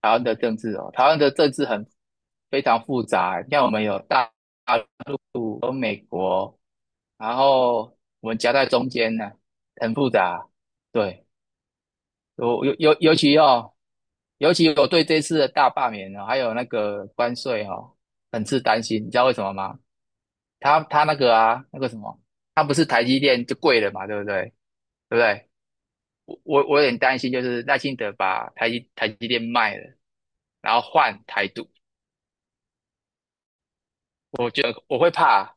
台湾的政治哦，台湾的政治很非常复杂欸。你看，我们有大陆、有美国，然后我们夹在中间呢，很复杂。对，尤尤尤尤其哦，尤其我对这次的大罢免哦，还有那个关税哦，很是担心。你知道为什么吗？他那个啊，那个什么，他不是台积电就贵了嘛，对不对？对不对？我有点担心，就是耐心的把台积电卖了，然后换台独。我觉得我会怕，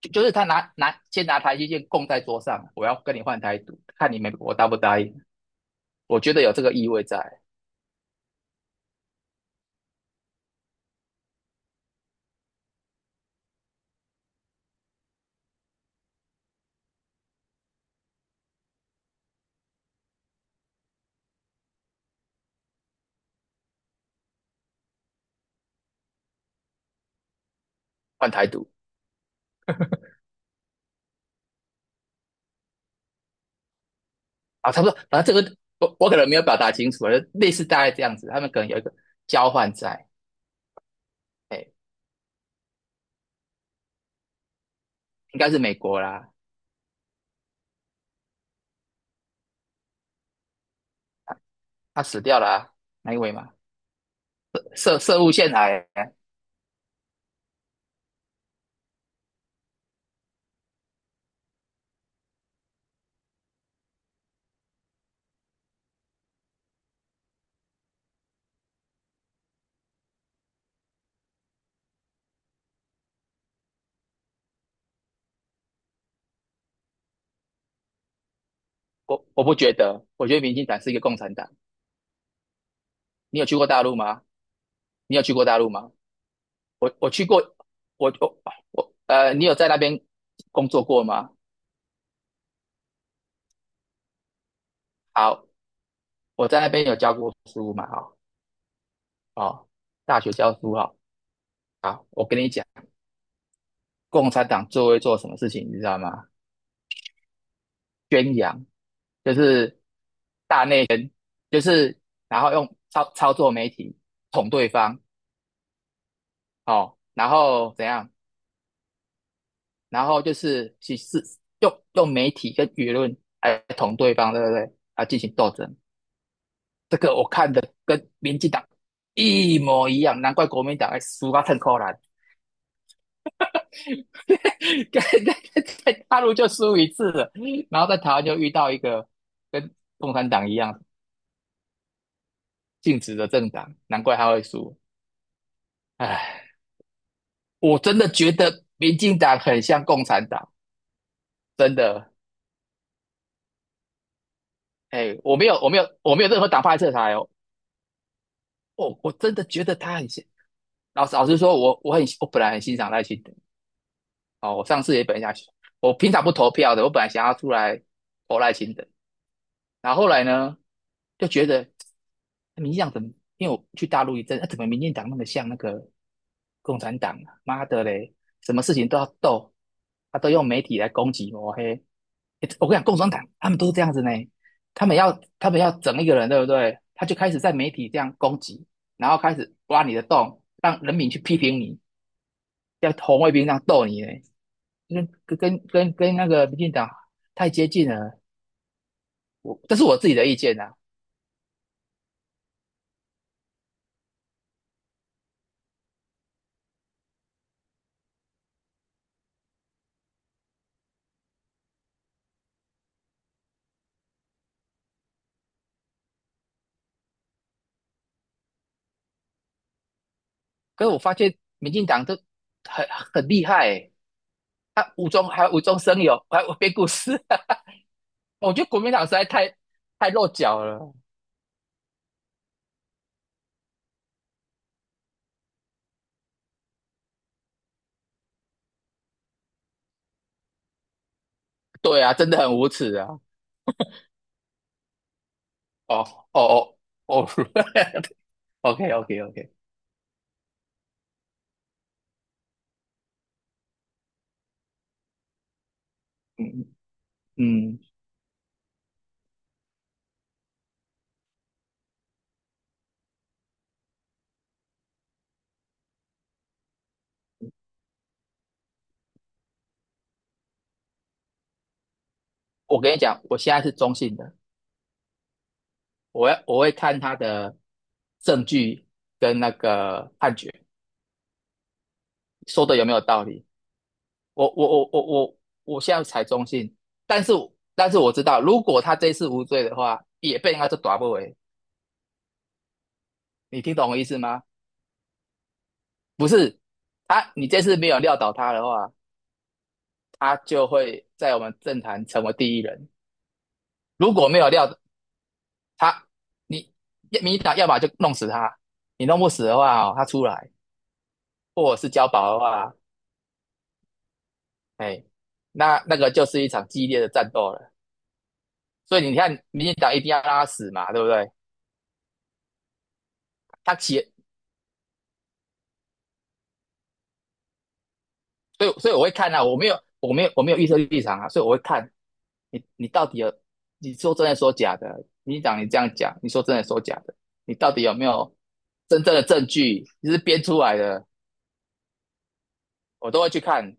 就是他先拿台积电供在桌上，我要跟你换台独，看你美国答不答应。我觉得有这个意味在换台独啊，差不多，反正这个我可能没有表达清楚啊，类似大概这样子，他们可能有一个交换在，哎，欸应该是美国啦，他死掉啦、哪一位嘛？涉务陷害，我不觉得，我觉得民进党是一个共产党。你有去过大陆吗？你有去过大陆吗？我去过，我我我呃，你有在那边工作过吗？好，我在那边有教过书嘛，哈、哦，哦，大学教书哈、哦，啊，我跟你讲，共产党最会做什么事情，你知道吗？宣扬，就是就是，然后用操作媒体捅对方，哦，然后怎样？然后就是用媒体跟舆论来捅对方，对不对？啊，进行斗争，这个我看的跟民进党一模一样，难怪国民党还输到很扣怜。在大陆就输一次了，然后在台湾就遇到一个跟共产党一样净值的政党，难怪他会输。唉，我真的觉得民进党很像共产党，真的。哎，我没有，我没有，我没有任何党派色彩哦。我真的觉得他很像。老实老实说，我本来很欣赏赖清德哦，我上次也本来想，我平常不投票的，我本来想要出来投赖清德，然后后来呢，就觉得民进党怎么，因为我去大陆一阵，啊、怎么民进党那么像那个共产党啊？妈的嘞，什么事情都要斗，他都用媒体来攻击抹黑。欸我跟你讲，共产党他们都是这样子呢，他们要整一个人，对不对？他就开始在媒体这样攻击，然后开始挖你的洞，让人民去批评你，像红卫兵这样斗你呢，跟那个民进党太接近了。我这是我自己的意见呐、可是我发现民进党都很很厉害欸，他无中生有，还编故事。我觉得国民党实在太落脚了。对啊，真的很无耻啊！哦哦哦哦 ，OK OK OK，嗯嗯，我跟你讲，我现在是中性的，我会看他的证据跟那个判决说的有没有道理。我我我我我我现在才中性，但是但是我知道，如果他这一次无罪的话，也被人家就打不回。你听懂我意思吗？不是，你这次没有撂倒他的话，他就会在我们政坛成为第一人。如果没有撂倒他，你民进党要么就弄死他，你弄不死的话哦，他出来，或者是交保的话，哎，那个就是一场激烈的战斗了。所以你看，民进党一定要让他死嘛，对不对？他起所以我会看啊，我没有我没有我没有预设立场啊，所以我会看你你到底有你说真的说假的，你这样讲，你说真的说假的，你到底有没有真正的证据，你是编出来的，我都会去看，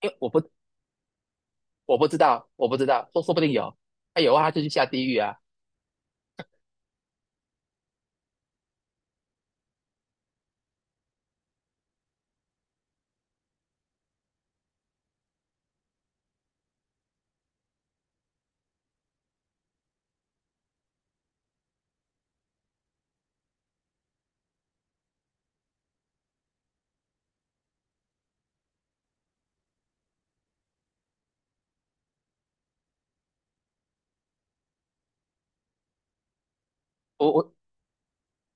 因为我不知道，我不知道，说不定有，他有啊，他就去下地狱啊，我我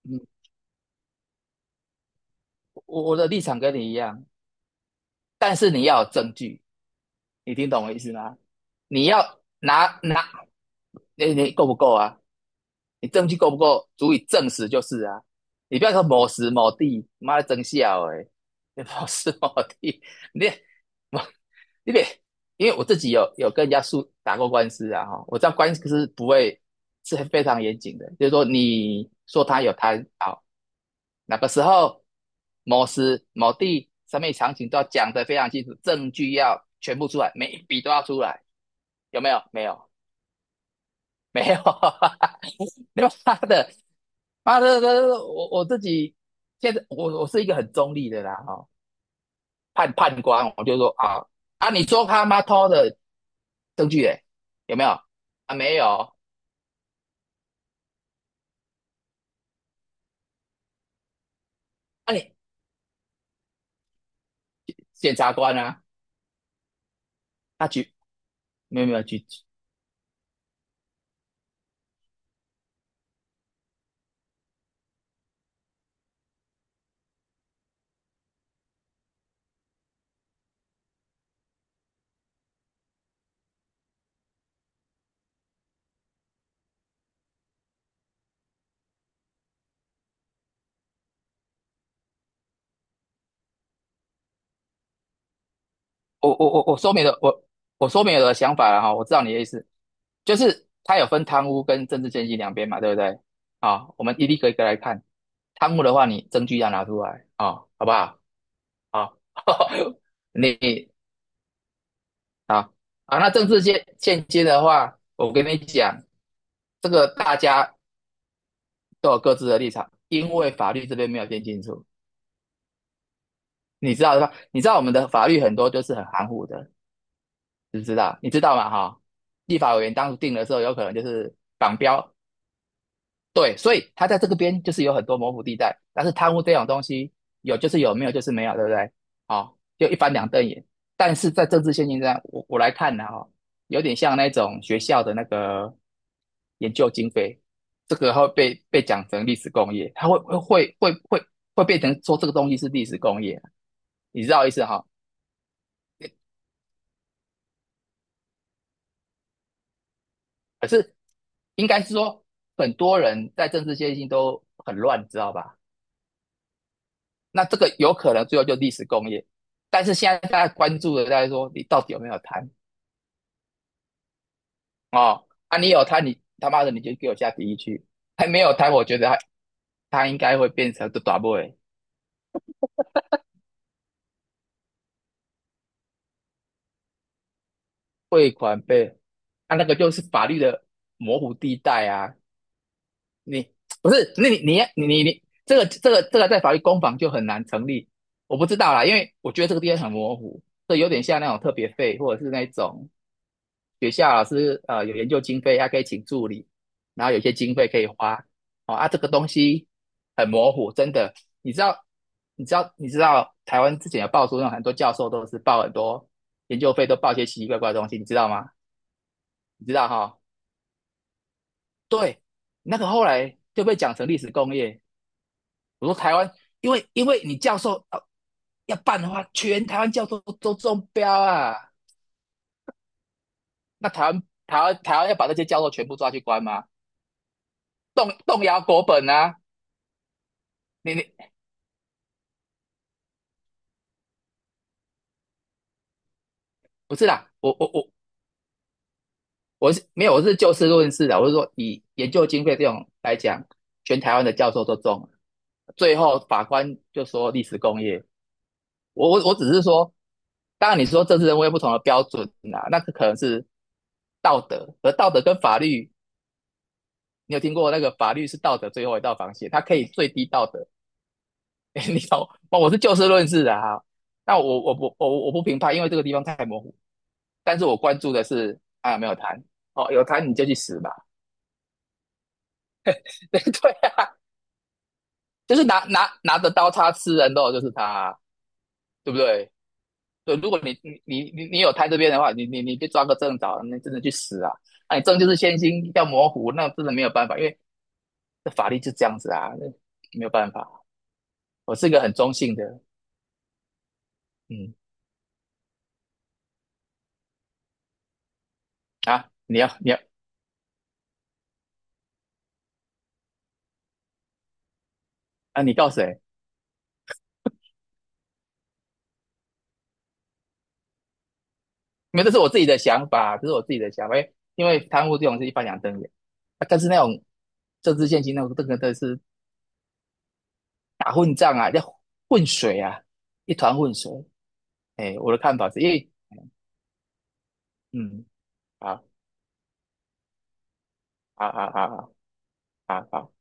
嗯我我的立场跟你一样，但是你要有证据，你听懂我意思吗？你要拿拿，你够不够啊？你证据够不够足以证实就是啊。你不要说某时某地，妈的真笑哎、你某时某地，你我你别，因为我自己有跟人家打过官司啊哈，我知道官司是不会是非常严谨的，就是说你说他有贪好，那个时候某时某地上面场景都要讲得非常清楚，证据要全部出来，每一笔都要出来，有没有？没有。没有，没有妈的，妈的，我自己现在我是一个很中立的啦，哦，判官，我就说啊啊，你说他妈偷的证据诶，有没有？啊，没有，啊你检察官啊，他举没有举，我说明了说明了我的想法了哈，我知道你的意思，就是他有分贪污跟政治献金两边嘛，对不对？啊，我们一个一个来看，贪污的话，你证据要拿出来啊，好不好？好，你好啊。那政治现今的话，我跟你讲，这个大家都有各自的立场，因为法律这边没有定清楚。你知道的吧？你知道我们的法律很多就是很含糊的，知不知道？你知道吗？哈，立法委员当初定的时候，有可能就是绑标对，所以他在这个边就是有很多模糊地带，但是贪污这种东西有就是有，没有就是没有，对不对？好、就一翻两瞪眼。但是在政治现金上，我来看呢、哈、有点像那种学校的那个研究经费，这个会被讲成历史工业，它会会会会变成说这个东西是历史工业，你知道意思哈、哦可是应该是说很多人在政治现金都很乱，知道吧？那这个有可能最后就历史工业，但是现在大家关注的大家说你到底有没有贪哦？啊，你有贪，你他妈的你就给我下第一区，还没有贪，我觉得他应该会变成的打 boy 汇款被，啊那个就是法律的模糊地带啊，你不是那你这个在法律攻防就很难成立，我不知道啦，因为我觉得这个地方很模糊，这有点像那种特别费或者是那种学校老师有研究经费，他可以请助理，然后有些经费可以花。哦啊，这个东西很模糊，真的。你知道，你知道，你知道，台湾之前有爆出那种很多教授都是报很多研究费，都报一些奇奇怪怪的东西，你知道吗？你知道哈？对，那个后来就被讲成历史工业。我说台湾，因为你教授要办的话，全台湾教授都中标啊。那台湾要把这些教授全部抓去关吗？动摇国本啊！你你不是啦，我是没有，我是就事论事的，我是说以研究经费这种来讲，全台湾的教授都中了最后法官就说历史工业，我只是说，当然你说政治人物有不同的标准啦，啊那可能是道德，而道德跟法律，你有听过那个法律是道德最后一道防线，它可以最低道德，你懂？我是就事论事的哈，那我不评判，因为这个地方太模糊，但是我关注的是啊有没有谈哦，有谈你就去死吧。对对啊，就是拿着刀叉吃人肉就是他啊对不对？对，如果你有摊这边的话，你被抓个正着，那真的去死啊！那你证就是先行要模糊，那真的没有办法，因为这法律就这样子啊，那没有办法。我是一个很中性的，嗯啊，你要啊，你告谁？因为这是我自己的想法，这是我自己的想法，因为贪污这种是一翻两瞪眼啊，但是那种政治现金那种这个真的是打混战啊，要混水啊，一团混水。哎，我的看法是因为，嗯，好，好，好，好，好，好，好，